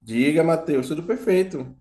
Diga, Matheus, tudo perfeito.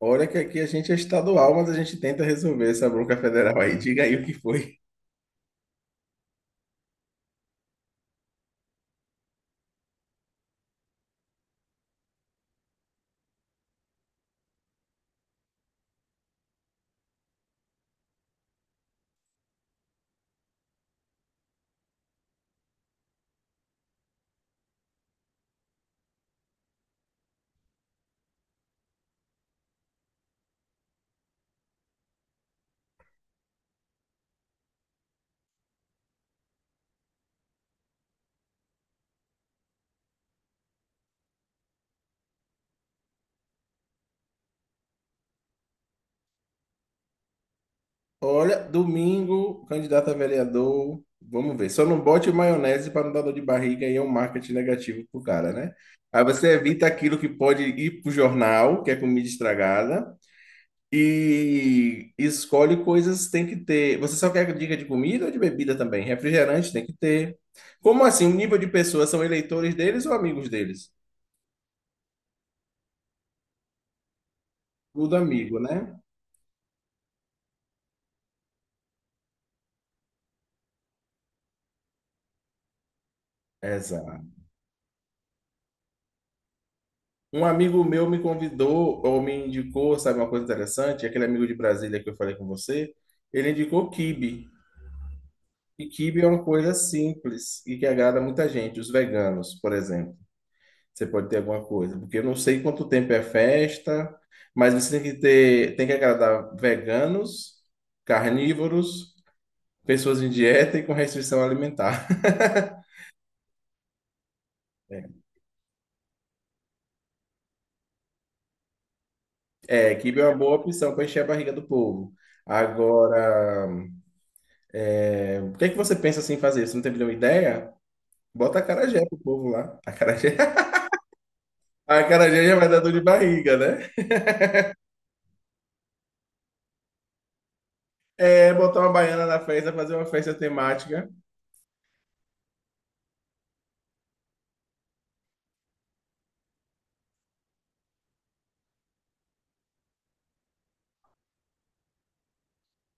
Olha que aqui a gente é estadual, mas a gente tenta resolver essa bronca federal aí. Diga aí o que foi. Olha, domingo, candidato a vereador. Vamos ver. Só não bote maionese para não dar dor de barriga e é um marketing negativo pro cara, né? Aí você evita aquilo que pode ir pro jornal, que é comida estragada, e escolhe coisas que tem que ter. Você só quer dica de comida ou de bebida também? Refrigerante tem que ter. Como assim? O nível de pessoas são eleitores deles ou amigos deles? Tudo amigo, né? Exato. Um amigo meu me convidou, ou me indicou, sabe uma coisa interessante? Aquele amigo de Brasília que eu falei com você, ele indicou quibe. E quibe é uma coisa simples e que agrada muita gente, os veganos, por exemplo. Você pode ter alguma coisa, porque eu não sei quanto tempo é festa, mas você tem que ter, tem que agradar veganos, carnívoros, pessoas em dieta e com restrição alimentar. É, quibe é uma boa opção para encher a barriga do povo. Agora, por que é que você pensa assim em fazer? Você não tem nenhuma ideia? Bota acarajé pro povo lá. Acarajé, acarajé já vai dar dor de barriga, né? É, botar uma baiana na festa, fazer uma festa temática.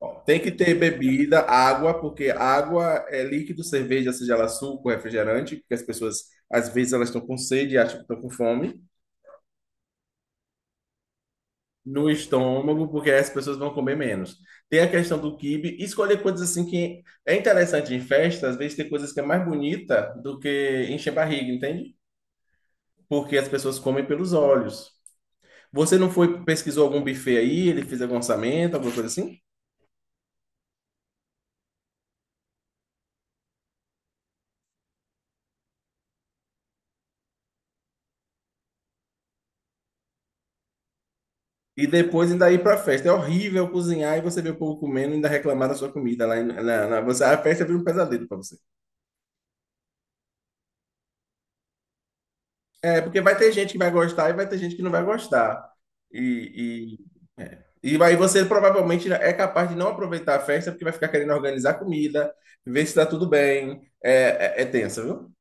Ó, tem que ter bebida, água, porque água é líquido, cerveja, seja ela suco, refrigerante, porque as pessoas, às vezes, elas estão com sede e acham que estão com fome. No estômago, porque aí as pessoas vão comer menos. Tem a questão do quibe. Escolher coisas assim que é interessante em festa, às vezes tem coisas que é mais bonita do que encher barriga, entende? Porque as pessoas comem pelos olhos. Você não foi, pesquisou algum buffet aí, ele fez algum orçamento, alguma coisa assim? E depois ainda ir para festa. É horrível cozinhar e você ver o povo comendo e ainda reclamar da sua comida. Lá em- na, na- Você, a festa vira um pesadelo para você. É, porque vai ter gente que vai gostar e vai ter gente que não vai gostar. E, e aí você provavelmente é capaz de não aproveitar a festa porque vai ficar querendo organizar comida, ver se está tudo bem. É tenso, viu?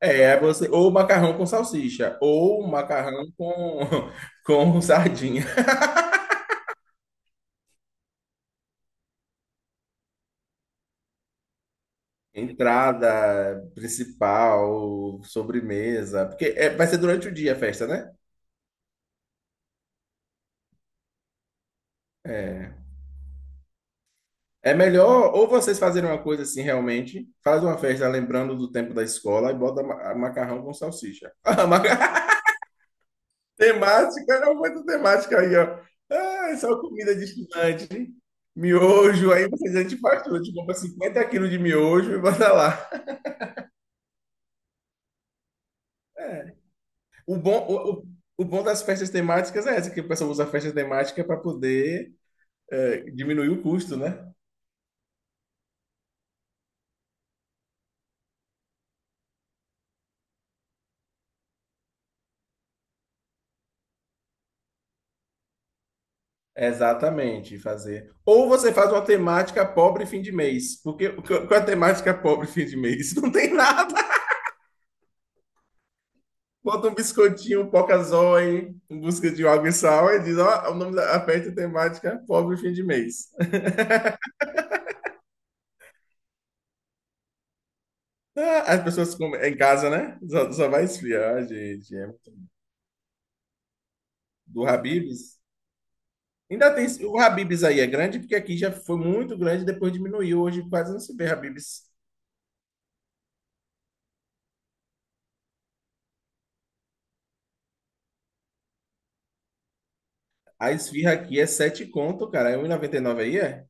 É, é você, ou macarrão com salsicha, ou macarrão com, com sardinha. Entrada principal, sobremesa, vai ser durante o dia a festa, né? É. É melhor ou vocês fazerem uma coisa assim realmente, faz uma festa lembrando do tempo da escola e bota ma- a macarrão com salsicha. Temática, não foi temática aí, ó. Ah, é só comida de estudante. Miojo, aí vocês a gente faz tudo, a gente compra 50 quilos de miojo e bota lá. É. O bom, o, o, o bom das festas temáticas é essa, que o pessoal usa a festa temática para poder diminuir o custo, né? Exatamente, fazer. Ou você faz uma temática pobre fim de mês. Qual é a temática pobre fim de mês? Não tem nada. Bota um biscoitinho, um pocazói, em busca de água e sal, e diz, ó, o nome da festa temática é pobre fim de mês. Ah, as pessoas comem é em casa, né? Só vai esfriar, gente. É. Do Habib's. Ainda tem o Habibs aí, é grande, porque aqui já foi muito grande, depois diminuiu. Hoje quase não se vê Habibs. A esfirra aqui é 7 conto, cara. É um e noventa e nove aí, é?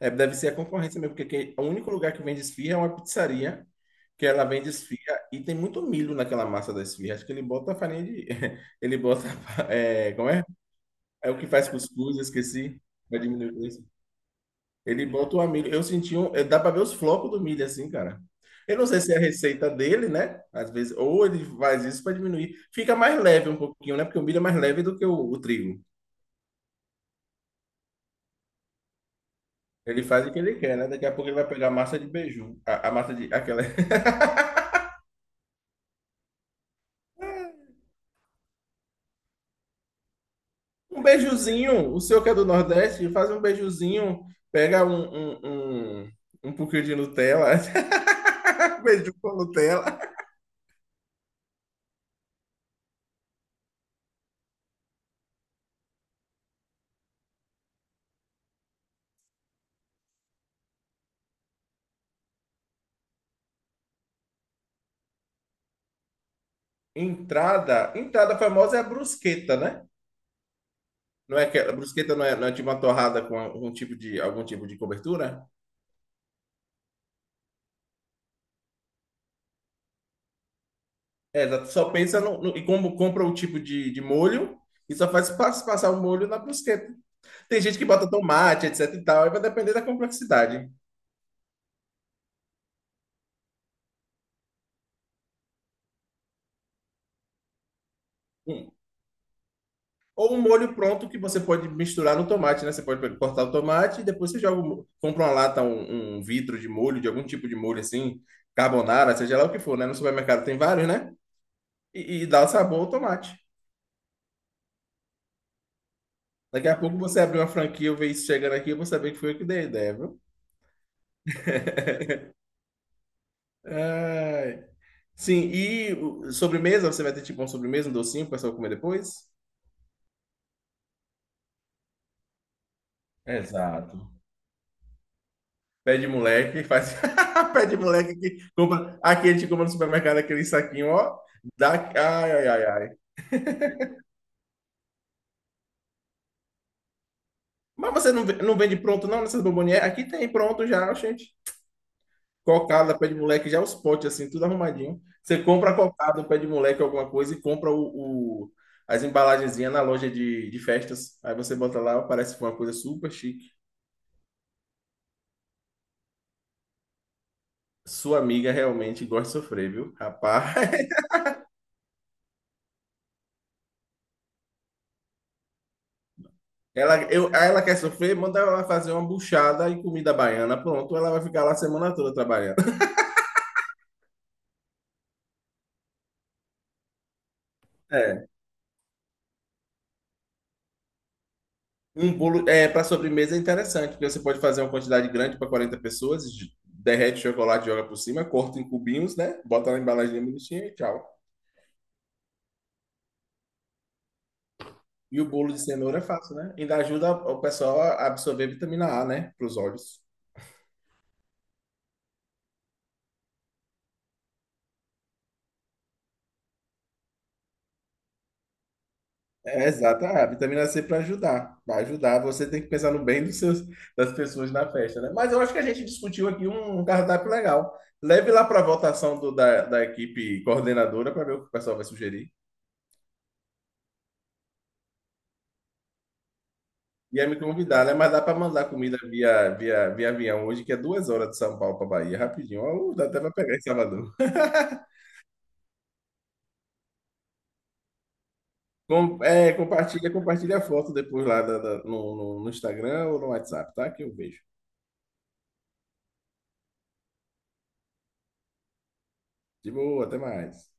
É, deve ser a concorrência mesmo, porque aqui, o único lugar que vende esfirra é uma pizzaria, que ela vende esfirra e tem muito milho naquela massa da esfirra. Acho que ele bota farinha de. Ele bota. É, como é? É o que faz cuscuz, eu esqueci. Vai diminuir o preço. Ele bota uma milho. Eu senti um. Eh, Dá para ver os flocos do milho assim, cara. Eu não sei se é a receita dele, né? Às vezes, ou ele faz isso para diminuir. Fica mais leve um pouquinho, né? Porque o milho é mais leve do que o trigo. Ele faz o que ele quer, né? Daqui a pouco ele vai pegar a massa de beiju. A massa de. Aquela. Um beijuzinho. O seu que é do Nordeste, faz um beijuzinho. Pega um, um, um, um pouquinho de Nutella. Beiju com Nutella. Entrada. Entrada famosa é a brusqueta, né? Não é que a brusqueta não é, não é tipo uma torrada com algum tipo de cobertura? É, exato. Só pensa como compra o tipo de molho e só faz passar o molho na brusqueta. Tem gente que bota tomate, etc e tal, aí vai depender da complexidade. Hum. Ou um molho pronto que você pode misturar no tomate, né? Você pode cortar o tomate e depois você joga, compra uma lata, um vidro de molho, de algum tipo de molho assim, carbonara, seja lá o que for, né? No supermercado tem vários, né? E dá o sabor ao tomate. Daqui a pouco você abrir uma franquia, eu ver isso chegando aqui, eu vou saber que foi eu que dei a ideia, viu? Ai. Sim, sobremesa, você vai ter tipo um sobremesa, um docinho para só comer depois? Exato. Pé de moleque, faz. Pé de moleque que compra. Aqui a gente compra no supermercado aquele saquinho, ó. Dá... Ai. Mas você não, não vende pronto, não, nessas bombonières? Aqui tem pronto já, gente. Cocada, pé de moleque, já os potes assim, tudo arrumadinho. Você compra a cocada, um pé de moleque, alguma coisa, e compra as embalagenzinhas na loja de festas. Aí você bota lá, parece que foi uma coisa super chique. Sua amiga realmente gosta de sofrer, viu? Rapaz, ela, eu, aí ela quer sofrer, manda ela fazer uma buchada e comida baiana. Pronto, ela vai ficar lá a semana toda trabalhando. É. Um bolo é, para sobremesa é interessante, porque você pode fazer uma quantidade grande para 40 pessoas, derrete o chocolate, joga por cima, corta em cubinhos, né? Bota na embalagem bonitinha e tchau. E o bolo de cenoura é fácil, né? Ainda ajuda o pessoal a absorver vitamina A, né? Para os olhos. É, exato, a vitamina C para ajudar. Vai ajudar, você tem que pensar no bem dos seus, das pessoas na festa, né? Mas eu acho que a gente discutiu aqui um cardápio legal. Leve lá para a votação da equipe coordenadora para ver o que o pessoal vai sugerir. Ia me convidar, né? Mas dá para mandar comida via avião hoje, que é 2 horas de São Paulo para Bahia, rapidinho. Ó, dá até para pegar em Salvador. Compartilha, compartilha a foto depois lá no Instagram ou no WhatsApp, tá? Que eu vejo. De boa, até mais.